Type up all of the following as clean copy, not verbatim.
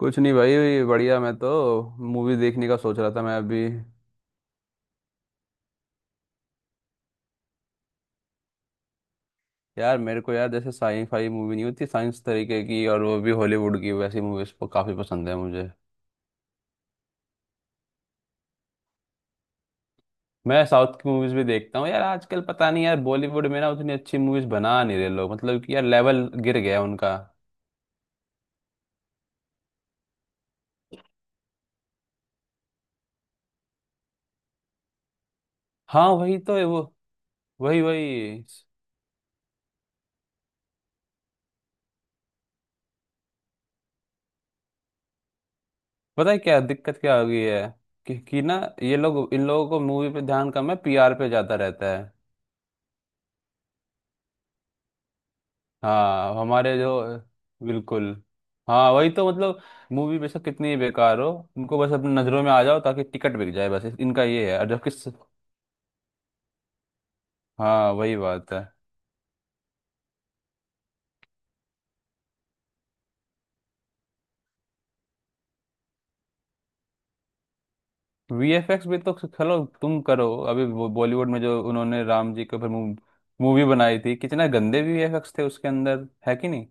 कुछ नहीं भाई, बढ़िया। मैं तो मूवी देखने का सोच रहा था मैं अभी। यार, मेरे को यार जैसे साई फाई मूवी नहीं होती, साइंस तरीके की, और वो भी हॉलीवुड की, वैसी मूवीज को काफी पसंद है मुझे। मैं साउथ की मूवीज भी देखता हूँ यार। आजकल पता नहीं यार, बॉलीवुड में ना उतनी अच्छी मूवीज बना नहीं रहे लोग। मतलब कि यार लेवल गिर गया है उनका। हाँ, वही तो है वो। वही वही। पता है क्या दिक्कत क्या हो गई है? कि ना, ये लोग, इन लोगों को मूवी पे ध्यान कम है, पीआर पे ज्यादा रहता है। हाँ हमारे जो। बिल्कुल। हाँ वही तो मतलब, मूवी बेशक कितनी ही बेकार हो, उनको बस अपनी नज़रों में आ जाओ ताकि टिकट बिक जाए, बस इनका ये है। और जबकि हाँ वही बात है। वीएफएक्स भी तो चलो तुम करो, अभी वो बॉलीवुड में जो उन्होंने राम जी के ऊपर मूवी बनाई थी, कितना गंदे वीएफएक्स थे उसके अंदर, है कि नहीं?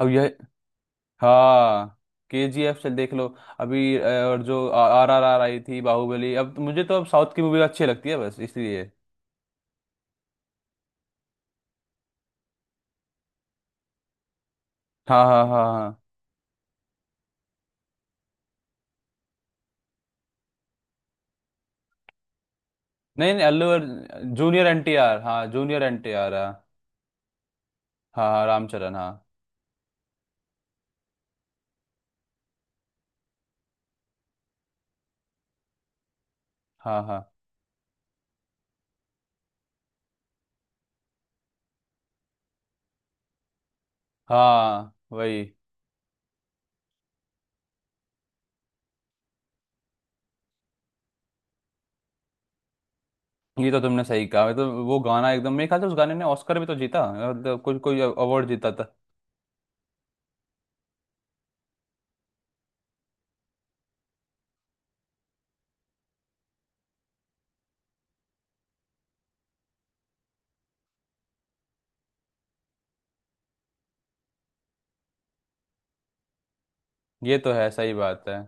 अब यह, हाँ, केजीएफ से देख लो। अभी और जो आरआरआर आई थी, बाहुबली, अब मुझे तो अब साउथ की मूवी अच्छी लगती है, बस इसलिए। हाँ हाँ हाँ हाँ। नहीं नहीं, Allu Arjun, junior N T R, हाँ, जूनियर एन टी आर, हाँ। हाँ हाँ, रामचरण, हाँ हाँ हाँ हाँ, वही। ये तो तुमने सही कहा, तो वो गाना एकदम, मेरे ख्याल से उस गाने ने ऑस्कर भी तो जीता, मतलब कोई कोई अवार्ड जीता था। ये तो है, सही बात है।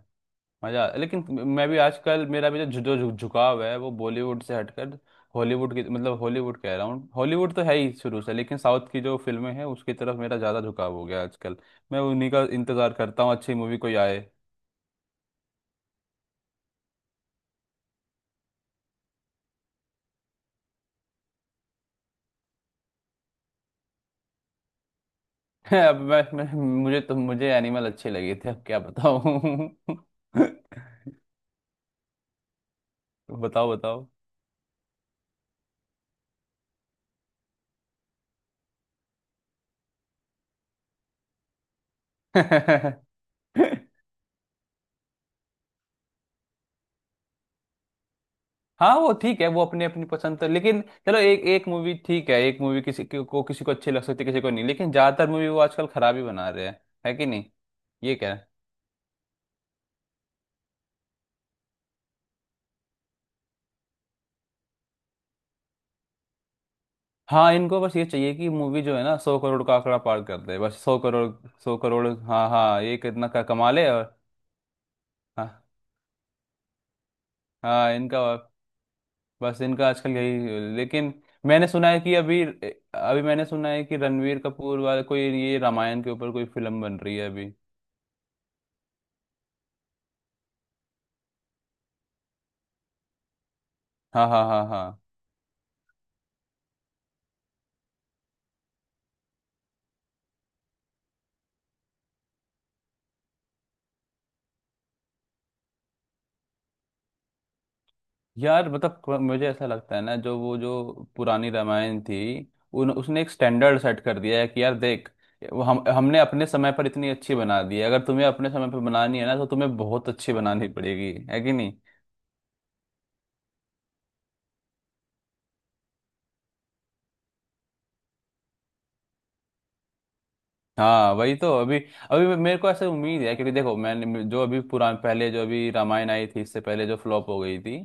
मजा, लेकिन मैं भी आजकल, मेरा भी जो जो जो झुकाव है वो बॉलीवुड से हटकर हॉलीवुड की, मतलब हॉलीवुड कह रहा हूँ, हॉलीवुड तो है ही शुरू से, लेकिन साउथ की जो फिल्में हैं उसकी तरफ मेरा ज़्यादा झुकाव हो गया आजकल। मैं उन्हीं का इंतज़ार करता हूँ, अच्छी मूवी कोई आए। अब मैं मुझे एनिमल अच्छे लगे थे, अब क्या बताऊं। बताओ बताओ। हाँ वो ठीक है, वो अपने अपनी पसंद तो, लेकिन चलो एक एक मूवी ठीक है, एक मूवी किसी को किसी को अच्छी लग सकती है, किसी को नहीं, लेकिन ज्यादातर मूवी वो आजकल खराब ही बना रहे हैं, है कि नहीं? ये क्या है? हाँ, इनको बस ये चाहिए कि मूवी जो है ना सौ करोड़ का आंकड़ा पार कर दे, बस सौ करोड़। सौ करोड़, हाँ हाँ, ये कितना का कमा ले, और हाँ हाँ, इनका, बस इनका आजकल यही, लेकिन मैंने सुना है कि अभी अभी मैंने सुना है कि रणवीर कपूर वाला कोई ये रामायण के ऊपर कोई फिल्म बन रही है अभी। हाँ हाँ हाँ हाँ। यार मतलब मुझे ऐसा लगता है ना, जो वो जो पुरानी रामायण थी, उन उसने एक स्टैंडर्ड सेट कर दिया है कि यार देख, वो हम हमने अपने समय पर इतनी अच्छी बना दी है, अगर तुम्हें अपने समय पर बनानी है ना तो तुम्हें बहुत अच्छी बनानी पड़ेगी, है कि नहीं? हाँ वही तो अभी। अभी मेरे को ऐसे उम्मीद है, क्योंकि देखो मैंने जो अभी पुरान पहले जो अभी रामायण आई थी इससे पहले जो फ्लॉप हो गई थी,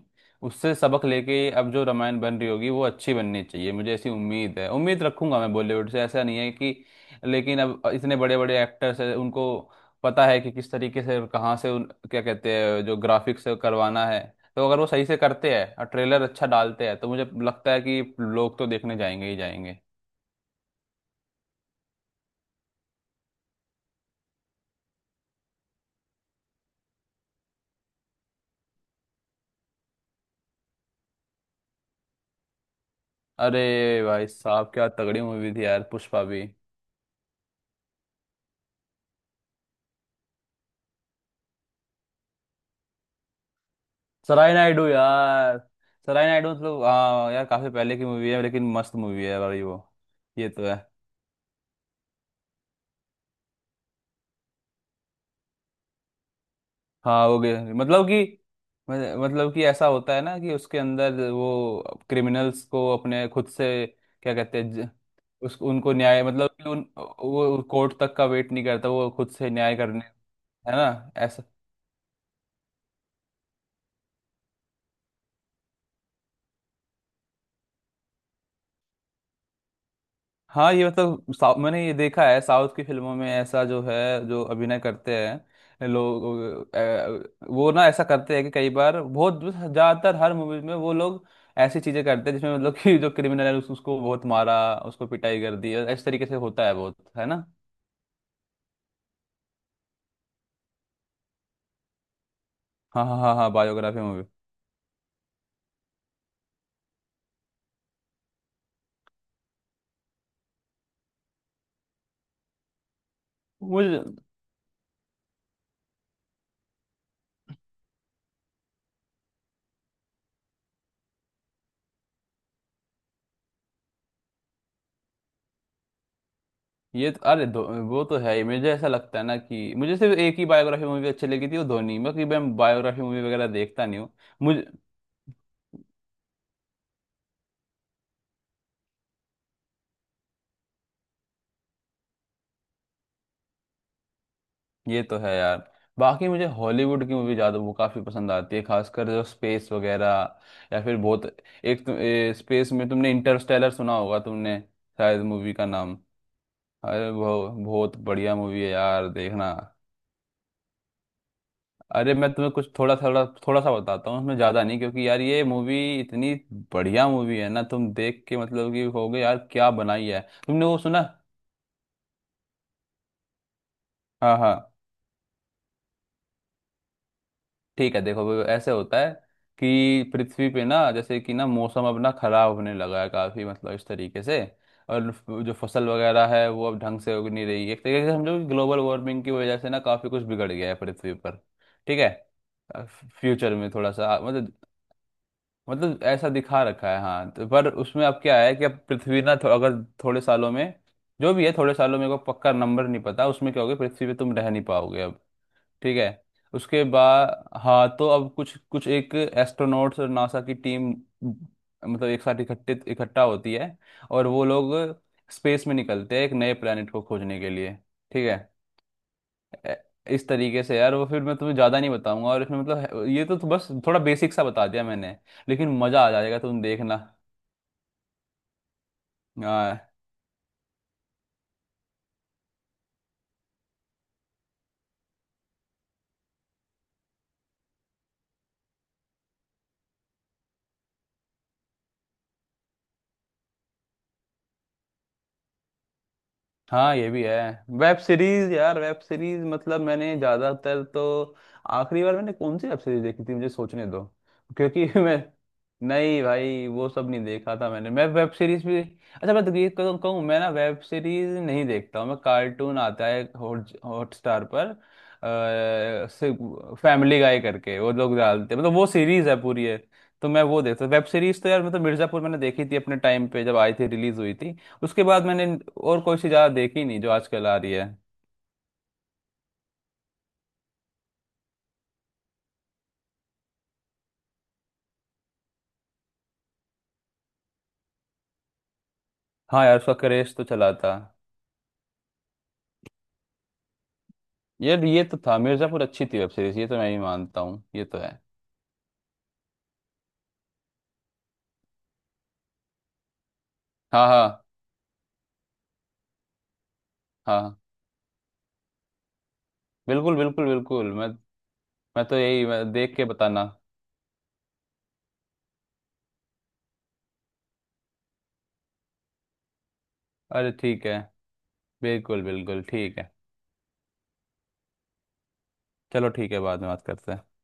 उससे सबक लेके अब जो रामायण बन रही होगी वो अच्छी बननी चाहिए, मुझे ऐसी उम्मीद है, उम्मीद रखूंगा मैं, बॉलीवुड से ऐसा नहीं है कि, लेकिन अब इतने बड़े बड़े एक्टर्स हैं, उनको पता है कि किस तरीके से और कहाँ से उन, क्या कहते हैं, जो ग्राफिक्स करवाना है, तो अगर वो सही से करते हैं और ट्रेलर अच्छा डालते हैं, तो मुझे लगता है कि लोग तो देखने जाएंगे ही जाएंगे। अरे भाई साहब, क्या तगड़ी मूवी थी यार पुष्पा भी। सराय नायडू यार, सराय नायडू मतलब, हाँ यार काफी पहले की मूवी है, लेकिन मस्त मूवी है भाई वो। ये तो है। हाँ, हो गया मतलब कि ऐसा होता है ना कि उसके अंदर वो क्रिमिनल्स को अपने खुद से, क्या कहते हैं, उस उनको न्याय, मतलब कि उन वो कोर्ट तक का वेट नहीं करता, वो खुद से न्याय करने, है ना। हाँ ये मतलब मैंने ये देखा है साउथ की फिल्मों में, ऐसा जो है, जो अभिनय करते हैं लोग, वो ना ऐसा करते हैं कि कई बार बहुत ज्यादातर हर मूवीज में वो लोग ऐसी चीजें करते हैं जिसमें मतलब कि जो क्रिमिनल है उसको बहुत मारा, उसको पिटाई कर दी, इस तरीके से होता है बहुत, है ना। हाँ हाँ हाँ हाँ, बायोग्राफी मूवी। मुझे ये तो- अरे धो- वो तो है ही, मुझे ऐसा लगता है ना कि मुझे सिर्फ एक ही बायोग्राफी मूवी अच्छी लगी थी, वो धोनी। बाकी मैं बायोग्राफी मूवी वगैरह देखता नहीं। हूँ ये तो है यार। बाकी मुझे हॉलीवुड की मूवी ज़्यादा वो काफ़ी पसंद आती है, खासकर जो स्पेस वगैरह, या फिर बहुत, एक तो, स्पेस में तुमने इंटरस्टेलर सुना होगा तुमने, शायद, मूवी का नाम। अरे वो बहुत बढ़िया मूवी है यार, देखना। अरे मैं तुम्हें कुछ थोड़ा थोड़ा थोड़ा सा बताता हूँ, उसमें ज़्यादा नहीं, क्योंकि यार ये मूवी इतनी बढ़िया मूवी है ना, तुम देख के मतलब कि होगे यार क्या बनाई है। तुमने वो सुना? हाँ हाँ। ठीक है, देखो वो ऐसे होता है कि पृथ्वी पे ना, जैसे कि ना मौसम अब ना खराब होने लगा है काफी, मतलब इस तरीके से, और जो फसल वगैरह है वो अब ढंग से उग नहीं रही है, एक तरीके से समझो ग्लोबल वार्मिंग की वजह से ना काफी कुछ बिगड़ गया है पृथ्वी पर। ठीक है, फ्यूचर में थोड़ा सा मतलब, मतलब ऐसा दिखा रखा है हाँ, तो पर उसमें अब क्या है कि अब पृथ्वी ना अगर थोड़े सालों में, जो भी है थोड़े सालों में, को पक्का नंबर नहीं पता उसमें क्या होगा, पृथ्वी पे तुम रह नहीं पाओगे अब। ठीक है। उसके बाद हाँ, तो अब कुछ कुछ एक एस्ट्रोनॉट्स और नासा की टीम, मतलब एक साथ इकट्ठे इकट्ठा होती है, और वो लोग स्पेस में निकलते हैं एक नए प्लेनेट को खोजने के लिए। ठीक है। ए- इस तरीके से यार, वो फिर मैं तुम्हें ज़्यादा नहीं बताऊंगा, और इसमें तो बस थोड़ा बेसिक सा बता दिया मैंने, लेकिन मज़ा आ जाएगा, तुम देखना। हाँ। हाँ ये भी है। वेब सीरीज, यार वेब सीरीज मतलब मैंने ज्यादातर तो, आखिरी बार मैंने कौन सी वेब सीरीज देखी थी, मुझे सोचने दो, क्योंकि मैं, नहीं भाई वो सब नहीं देखा था मैंने, मैं वेब सीरीज भी, अच्छा, मैं तो ये कहूँ, मैं ना वेब सीरीज नहीं देखता हूँ, मैं, कार्टून आता है हॉटस्टार पर, फैमिली गाय करके वो लोग डालते, मतलब वो सीरीज है पूरी है, तो मैं वो देखता। वेब सीरीज तो यार मतलब मिर्जापुर मैंने देखी थी अपने टाइम पे जब आई थी रिलीज हुई थी, उसके बाद मैंने और कोई सी ज़्यादा देखी नहीं जो आजकल आ रही है। हाँ यार, उसका क्रेज तो चला था। यार ये तो था, मिर्ज़ापुर अच्छी थी वेब सीरीज, ये तो मैं ही मानता हूँ, ये तो है। हाँ हाँ हाँ। बिल्कुल बिल्कुल बिल्कुल, मैं तो यही, मैं देख के बताना। अरे ठीक है, बिल्कुल बिल्कुल ठीक है। चलो ठीक है, बाद में बात करते हैं।